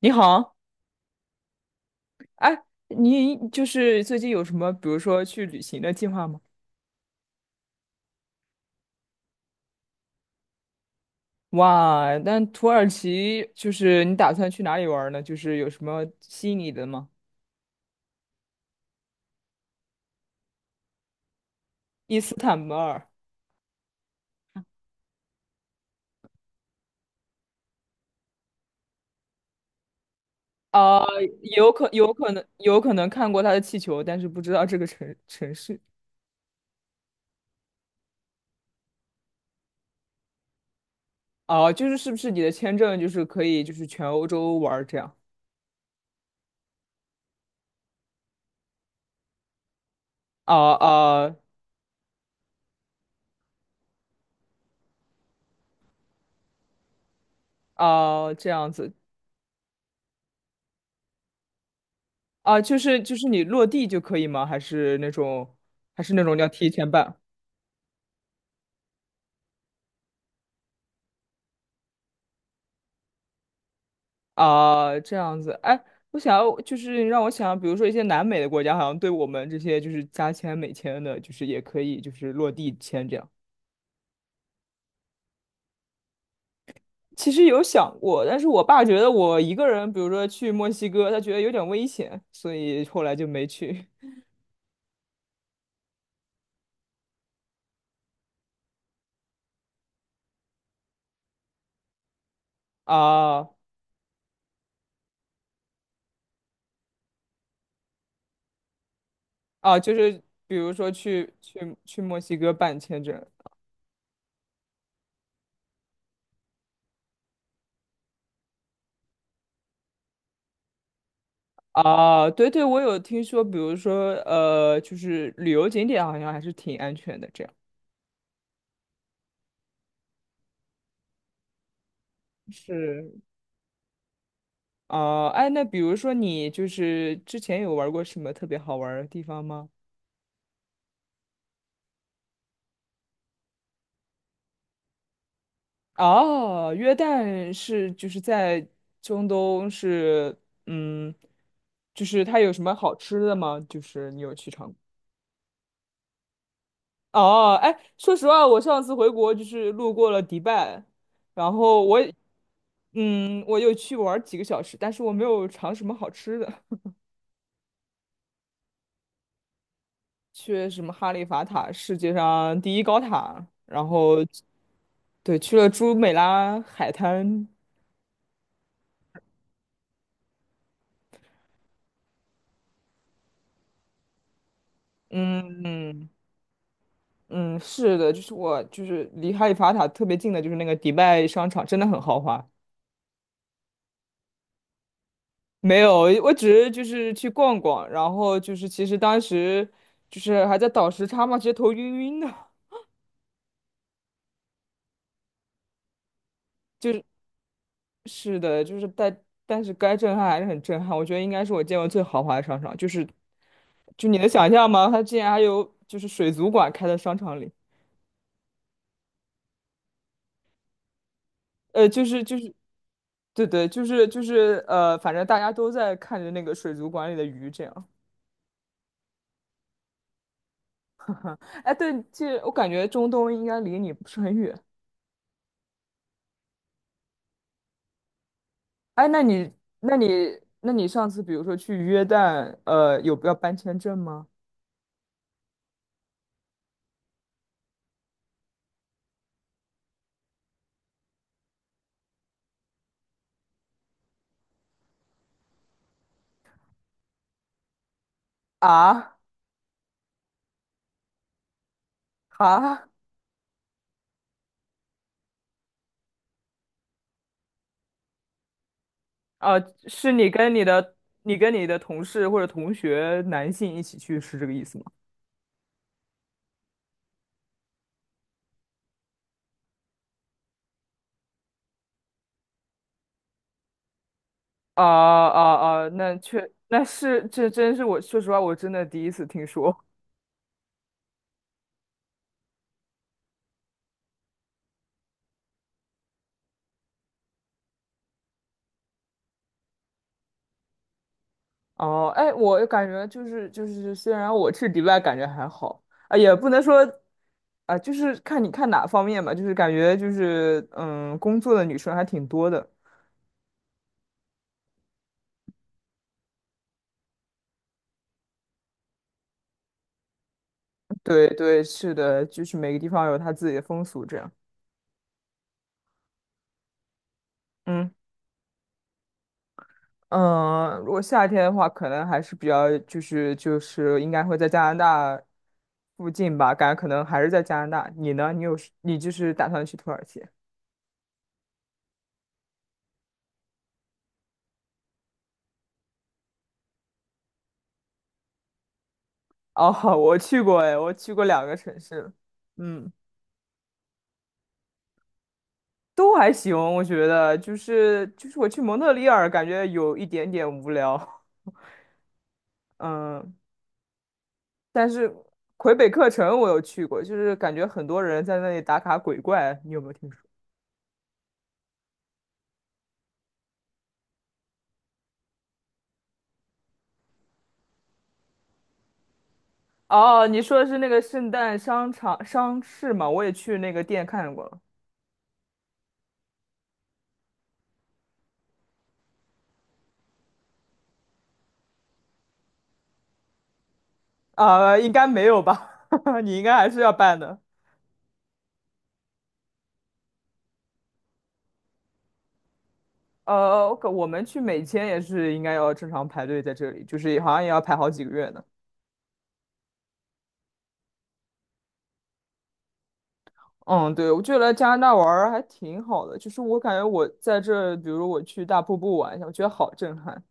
你好，你就是最近有什么，比如说去旅行的计划吗？哇，那土耳其就是你打算去哪里玩儿呢？就是有什么吸引你的吗？伊斯坦布尔啊，有可能看过他的气球，但是不知道这个城市。啊，就是是不是你的签证就是可以就是全欧洲玩儿这样啊啊啊这样子啊，就是就是你落地就可以吗？还是那种要提前办？啊，这样子，哎，我想要就是让我想，比如说一些南美的国家，好像对我们这些就是加签美签的，就是也可以就是落地签这样。其实有想过，但是我爸觉得我一个人，比如说去墨西哥，他觉得有点危险，所以后来就没去。啊啊，就是比如说去墨西哥办签证。啊，对对，我有听说，比如说就是旅游景点好像还是挺安全的这样。是，哦，哎，那比如说你就是之前有玩过什么特别好玩儿的地方吗？哦，约旦是就是在中东是，嗯，就是它有什么好吃的吗？就是你有去尝？哦，哎，说实话，我上次回国就是路过了迪拜，然后我也，嗯，我有去玩儿几个小时，但是我没有尝什么好吃的。去什么哈利法塔，世界上第一高塔，然后对，去了朱美拉海滩，嗯嗯，嗯，是的，就是我就是离哈利法塔特别近的，就是那个迪拜商场，真的很豪华。没有，我只是就是去逛逛，然后就是其实当时就是还在倒时差嘛，直接头晕晕的。就是。是的，就是但是该震撼还是很震撼，我觉得应该是我见过最豪华的商场，就是就你能想象吗？它竟然还有就是水族馆开在商场里，呃，就是就是，对对，就是反正大家都在看着那个水族馆里的鱼这样。哎，对，其实我感觉中东应该离你不是很远。哎，那你那你上次比如说去约旦，有要办签证吗？啊啊！啊，是你跟你的同事或者同学男性一起去，是这个意思吗？啊啊啊！那确那是这真是我说实话，我真的第一次听说。哦，哎，我感觉虽然我去迪拜感觉还好啊，也不能说啊，就是看你看哪方面吧，就是感觉就是嗯，工作的女生还挺多的。对对，是的，就是每个地方有它自己的风俗这样。嗯。嗯，如果夏天的话，可能还是比较就是应该会在加拿大附近吧，感觉可能还是在加拿大。你呢？你有你就是打算去土耳其？哦，我去过哎，我去过两个城市，嗯，都还行，我觉得就是我去蒙特利尔，感觉有一点点无聊，嗯，但是魁北克城我有去过，就是感觉很多人在那里打卡鬼怪，你有没有听说？哦，你说的是那个圣诞商市吗？我也去那个店看过了，啊、应该没有吧？你应该还是要办的。我们去美签也是应该要正常排队在这里，就是好像也要排好几个月呢。嗯，对，我觉得来加拿大玩儿还挺好的，就是我感觉我在这，比如我去大瀑布玩一下，我觉得好震撼。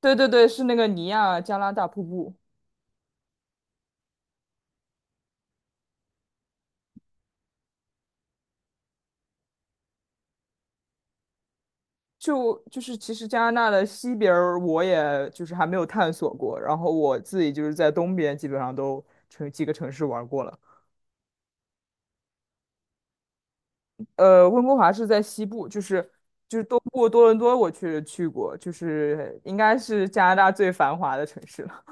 对对对，是那个尼亚加拉大瀑布。就是其实加拿大的西边儿我也就是还没有探索过，然后我自己就是在东边基本上都城几个城市玩过了。呃，温哥华是在西部，就是就是东部多伦多我去过，就是应该是加拿大最繁华的城市了。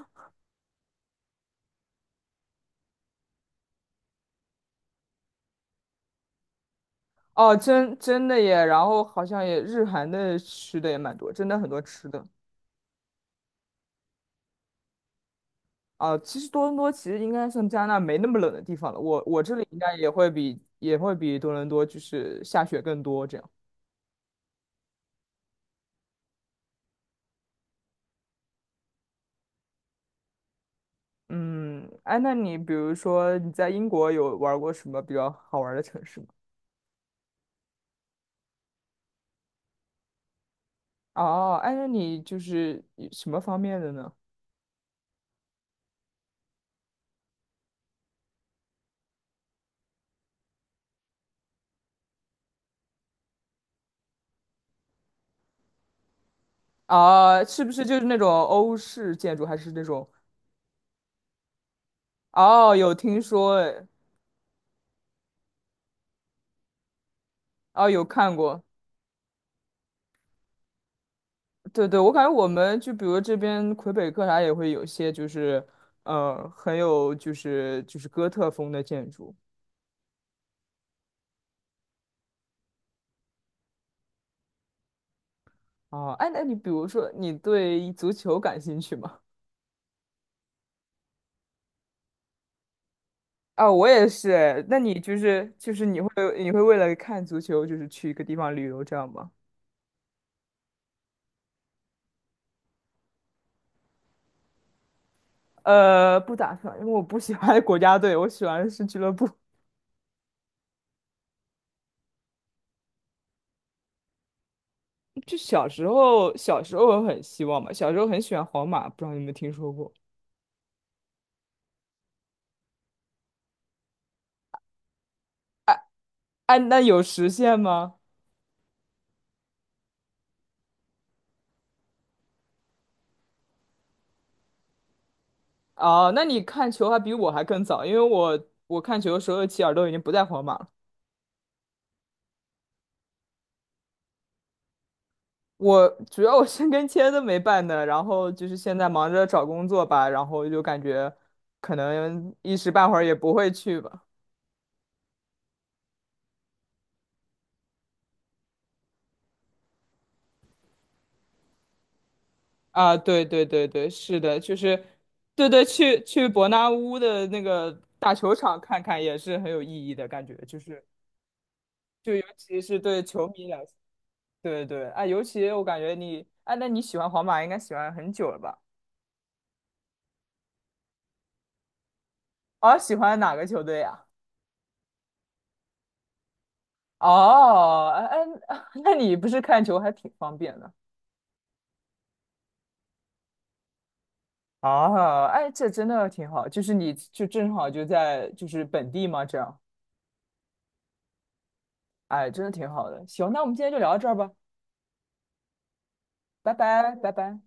哦，真真的耶，然后好像也日韩的吃的也蛮多，真的很多吃的。啊，其实多伦多其实应该算加拿大没那么冷的地方了，我这里应该也会比多伦多就是下雪更多这样。嗯，哎，那你比如说你在英国有玩儿过什么比较好玩儿的城市吗？哦，哎，那你就是以什么方面的呢？啊，是不是就是那种欧式建筑，还是那种？哦，有听说，哎，哦，有看过。对对，我感觉我们就比如这边魁北克啥也会有一些，就是很有就是哥特风的建筑。哦，哎，那你比如说你对足球感兴趣吗？啊，我也是。那你你会你会为了看足球，就是去一个地方旅游这样吗？呃，不打算，因为我不喜欢国家队，我喜欢的是俱乐部。就小时候，小时候我很希望嘛，小时候很喜欢皇马，不知道你有没有听说过？哎，那有实现吗？哦，那你看球还比我还更早，因为我看球的时候，齐尔都已经不在皇马了。我主要我申根签都没办呢，然后就是现在忙着找工作吧，然后就感觉可能一时半会儿也不会去吧。啊，对，是的，就是对对，去伯纳乌的那个大球场看看也是很有意义的感觉，就是就尤其是对球迷来说，对对，啊，尤其我感觉你，啊，那你喜欢皇马应该喜欢很久了吧？哦，喜欢哪个球队呀？哦，哎哎，那你不是看球还挺方便的。啊，哎，这真的挺好，就是你就正好就在就是本地嘛，这样，哎，真的挺好的。行，那我们今天就聊到这儿吧，拜拜，拜拜。